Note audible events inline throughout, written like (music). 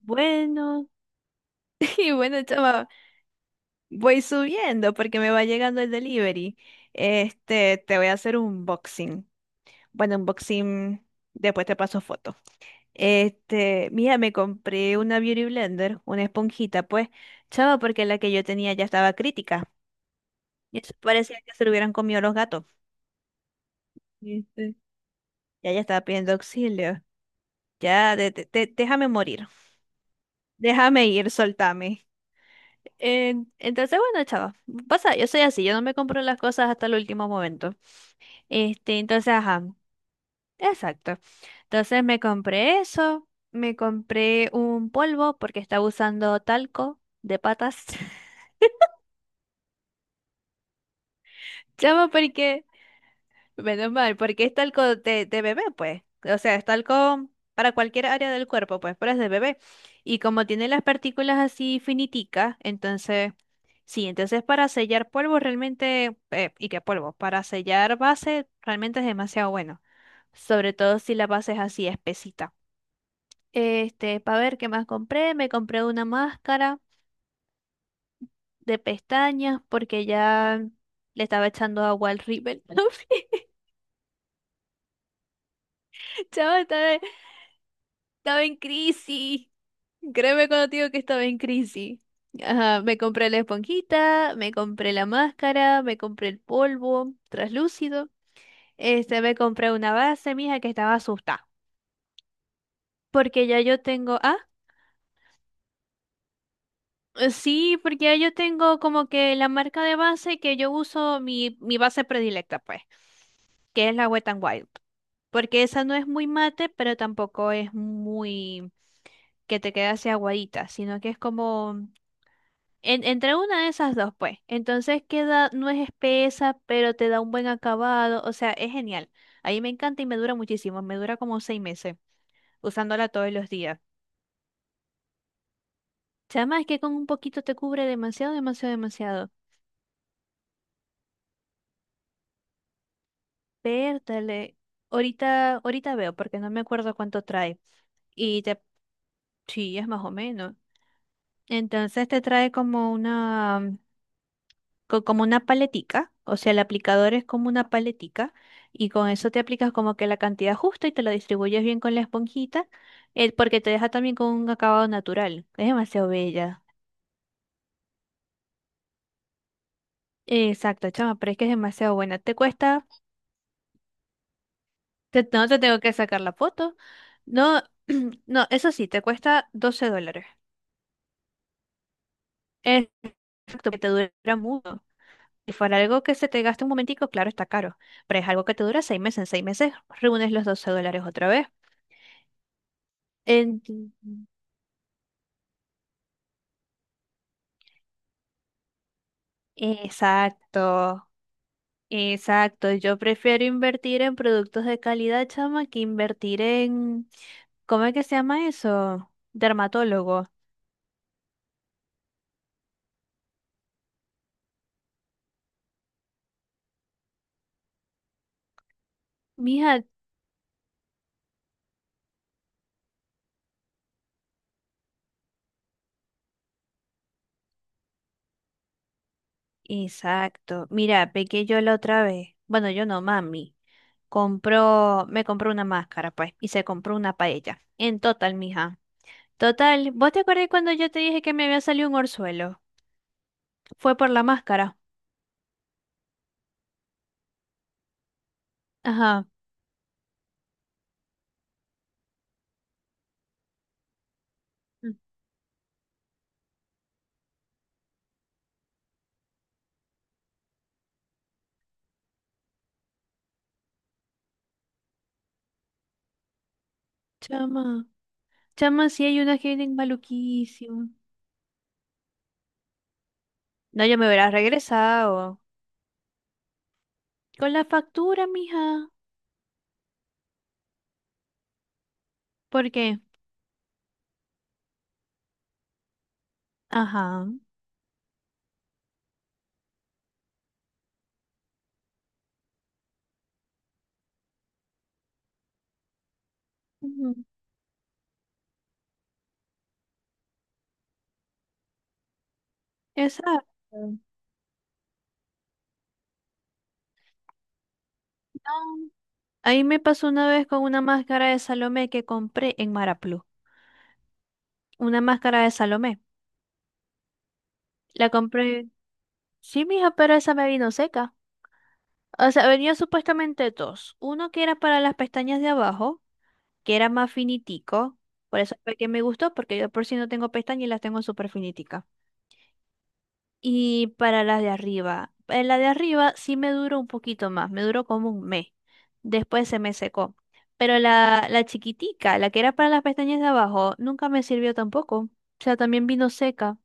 Bueno, (laughs) y bueno, chama, voy subiendo porque me va llegando el delivery. Este, te voy a hacer un unboxing. Bueno, unboxing, después te paso foto. Este, mira, me compré una Beauty Blender, una esponjita, pues, chama, porque la que yo tenía ya estaba crítica. Y eso parecía que se lo hubieran comido los gatos. ¿Viste? Ya, ya estaba pidiendo auxilio. Ya, déjame morir. Déjame ir, soltame. Entonces, bueno, chava, pasa, yo soy así, yo no me compro las cosas hasta el último momento. Este, entonces, ajá, exacto. Entonces me compré eso, me compré un polvo porque estaba usando talco de patas. (laughs) Chava, porque menos mal, porque es talco de bebé, pues. O sea, es talco para cualquier área del cuerpo, pues, pero es de bebé. Y como tiene las partículas así finiticas, entonces, sí, entonces para sellar polvo realmente, ¿y qué polvo? Para sellar base realmente es demasiado bueno. Sobre todo si la base es así espesita. Este, para ver qué más compré, me compré una máscara de pestañas porque ya le estaba echando agua al rímel. (laughs) Chava, estaba en crisis. Créeme cuando te digo que estaba en crisis. Ajá, me compré la esponjita, me compré la máscara, me compré el polvo traslúcido. Este, me compré una base, mija, que estaba asustada. Porque ya yo tengo. Ah, sí, porque ya yo tengo como que la marca de base que yo uso, mi base predilecta, pues, que es la Wet n Wild. Porque esa no es muy mate, pero tampoco es muy que te quede así aguadita, sino que es como En- entre una de esas dos, pues. Entonces queda, no es espesa, pero te da un buen acabado. O sea, es genial. A mí me encanta y me dura muchísimo. Me dura como 6 meses usándola todos los días. Chama, es que con un poquito te cubre demasiado, demasiado, demasiado. Pértale. Ahorita, ahorita veo, porque no me acuerdo cuánto trae. Y te, sí, es más o menos. Entonces te trae como una. Co- como una paletica, o sea, el aplicador es como una paletica y con eso te aplicas como que la cantidad justa y te la distribuyes bien con la esponjita, porque te deja también con un acabado natural. Es demasiado bella. Exacto, chama, pero es que es demasiado buena. Te cuesta, no te tengo que sacar la foto. No, (clears throat) no, eso sí, te cuesta $12. Es- Exacto, que te dura mucho. Si fuera algo que se te gaste un momentico, claro, está caro, pero es algo que te dura 6 meses. En seis meses reúnes los $12 otra vez. En- Exacto, exacto. Yo prefiero invertir en productos de calidad, chama, que invertir en, ¿cómo es que se llama eso? Dermatólogo. Mija, exacto. Mira, pequé yo la otra vez. Bueno, yo no, mami. Compró, me compró una máscara, pues, y se compró una paella. En total, mija. Total, ¿vos te acordás cuando yo te dije que me había salido un orzuelo? Fue por la máscara. Ajá. Mm. Chama. Chama, sí hay unas que vienen maluquísimo. No, yo me hubiera regresado. Con la factura, mija. ¿Por qué? Ajá. Ujú. Exacto. No. Ahí me pasó una vez con una máscara de Salomé que compré en Maraplu. Una máscara de Salomé. La compré. Sí, mija, pero esa me vino seca. O sea, venía supuestamente dos. Uno que era para las pestañas de abajo, que era más finitico. Por eso fue que me gustó, porque yo por si no tengo pestañas y las tengo súper finiticas. Y para las de arriba, la de arriba sí me duró un poquito más, me duró como un mes. Después se me secó. Pero la chiquitica, la que era para las pestañas de abajo, nunca me sirvió tampoco. O sea, también vino seca.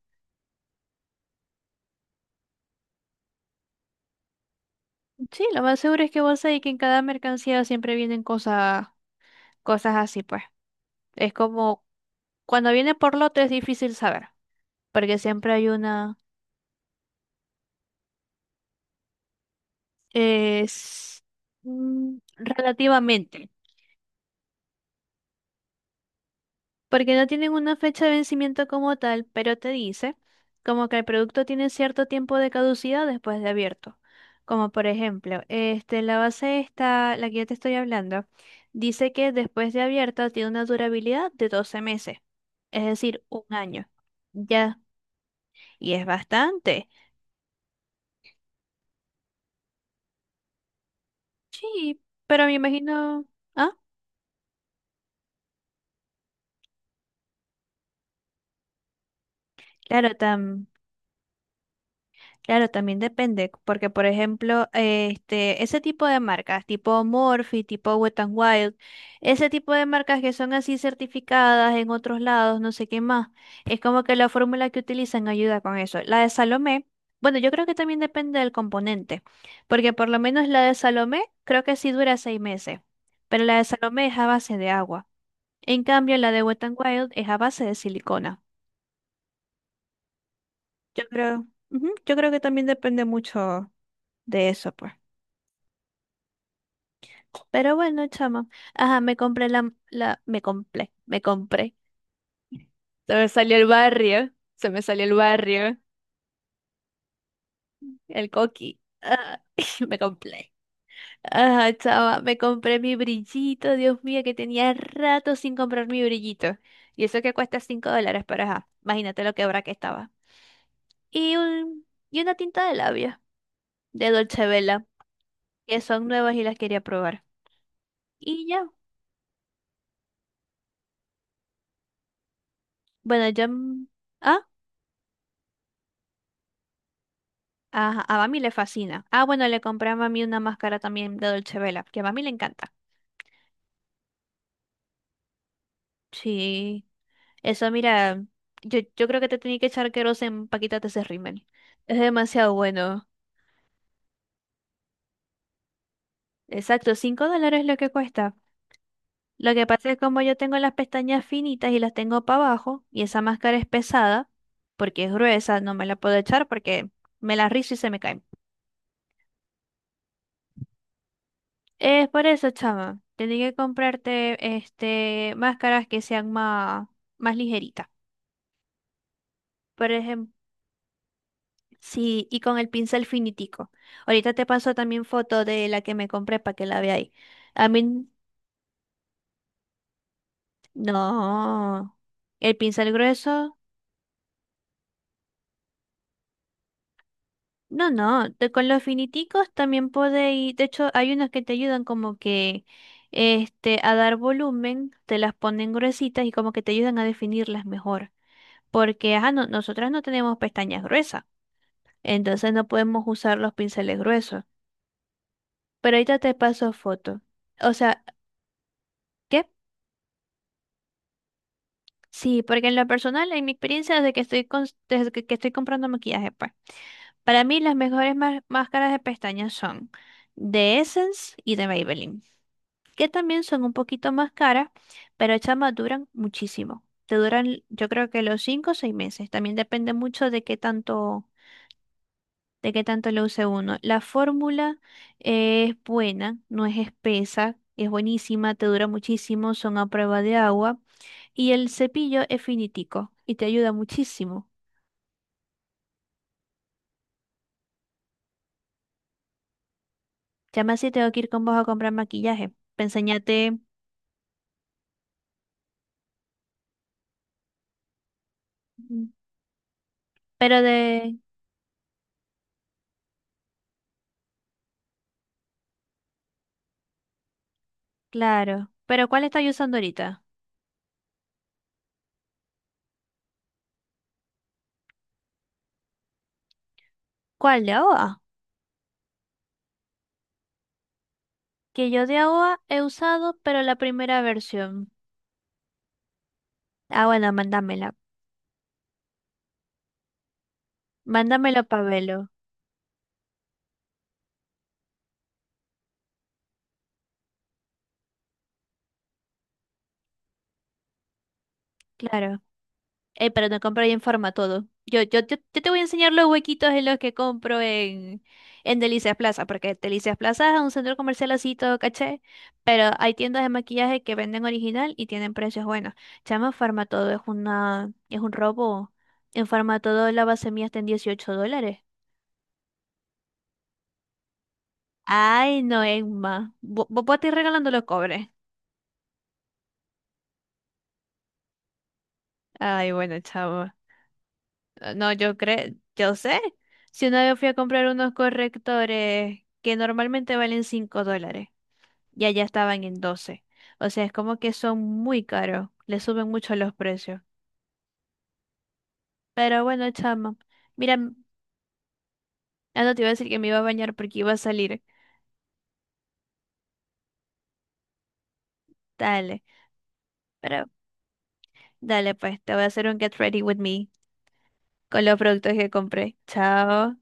Sí, lo más seguro es que vos sabés que en cada mercancía siempre vienen cosas, cosas así, pues. Es como cuando viene por lote es difícil saber, porque siempre hay una es, mm, relativamente. Porque no tienen una fecha de vencimiento como tal, pero te dice como que el producto tiene cierto tiempo de caducidad después de abierto. Como por ejemplo, este, la base esta, la que yo te estoy hablando, dice que después de abierta tiene una durabilidad de 12 meses, es decir, un año. Ya, y es bastante. Sí, pero me imagino, ah, claro, tan claro, también depende, porque por ejemplo, este, ese tipo de marcas, tipo Morphe, tipo Wet n Wild, ese tipo de marcas que son así certificadas en otros lados, no sé qué más, es como que la fórmula que utilizan ayuda con eso. La de Salomé, bueno, yo creo que también depende del componente, porque por lo menos la de Salomé creo que sí dura 6 meses, pero la de Salomé es a base de agua. En cambio, la de Wet n Wild es a base de silicona. Yo creo, ujú, yo creo que también depende mucho de eso, pues. Pero bueno, chama. Ajá, me compré me compré, me compré. Se me salió el barrio, se me salió el barrio, el coqui. Ah, (laughs) me compré. Ajá, chama, me compré mi brillito, Dios mío, que tenía rato sin comprar mi brillito. Y eso que cuesta $5, pero ajá, imagínate lo quebra que estaba. Y, un, y una tinta de labios de Dolce Vela, que son nuevas y las quería probar. Y ya, bueno, ya... mm, ajá, a mami le fascina. Ah, bueno, le compré a mami una máscara también de Dolce Vela, que a mami le encanta. Sí, eso mira, yo creo que te tenía que echar queroseno para quitarte ese rímel. Es demasiado bueno. Exacto, $5 es lo que cuesta. Lo que pasa es como yo tengo las pestañas finitas y las tengo para abajo, y esa máscara es pesada, porque es gruesa, no me la puedo echar porque me la rizo y se me cae. Es por eso, chama, tenía que comprarte este máscaras que sean más, más ligeritas. Por ejemplo, sí, y con el pincel finitico. Ahorita te paso también foto de la que me compré para que la veáis. A mí, no. El pincel grueso, no, no. Con los finiticos también podéis. De hecho, hay unos que te ayudan como que este, a dar volumen, te las ponen gruesitas y como que te ayudan a definirlas mejor. Porque, ajá, nosotras no tenemos pestañas gruesas, entonces no podemos usar los pinceles gruesos. Pero ahorita te paso foto. O sea, ¿qué? Sí, porque en lo personal, en mi experiencia, desde que estoy, desde que estoy comprando maquillaje, pues, para mí las mejores máscaras de pestañas son de Essence y de Maybelline, que también son un poquito más caras, pero chamas duran muchísimo. Te duran, yo creo que los 5 o 6 meses. También depende mucho de qué tanto lo use uno. La fórmula es buena, no es espesa, es buenísima, te dura muchísimo, son a prueba de agua. Y el cepillo es finitico y te ayuda muchísimo. Ya me así tengo que ir con vos a comprar maquillaje. Pa' enseñarte. Mm, pero de. Claro. Pero ¿cuál estás usando ahorita? ¿Cuál de AOA? Que yo de AOA he usado, pero la primera versión. Ah, bueno, mándamela. Mándamelo, Pabelo. Claro. Pero no compro ahí en Forma todo. Yo te voy a enseñar los huequitos en los que compro en Delicias Plaza, porque Delicias Plaza es un centro comercial así todo caché, pero hay tiendas de maquillaje que venden original y tienen precios buenos. Chama, Forma todo es una, es un robo. En Forma todo la base mía está en $18. Ay, no, Emma. Vos te ir regalando los cobres. Ay, bueno, chavo. No, yo creo, yo sé. Si una vez fui a comprar unos correctores que normalmente valen $5 y allá estaban en 12. O sea, es como que son muy caros, le suben mucho los precios. Pero bueno, chama, mira, ah, no te iba a decir que me iba a bañar porque iba a salir. Dale, pero dale pues, te voy a hacer un get ready with me con los productos que compré. Chao.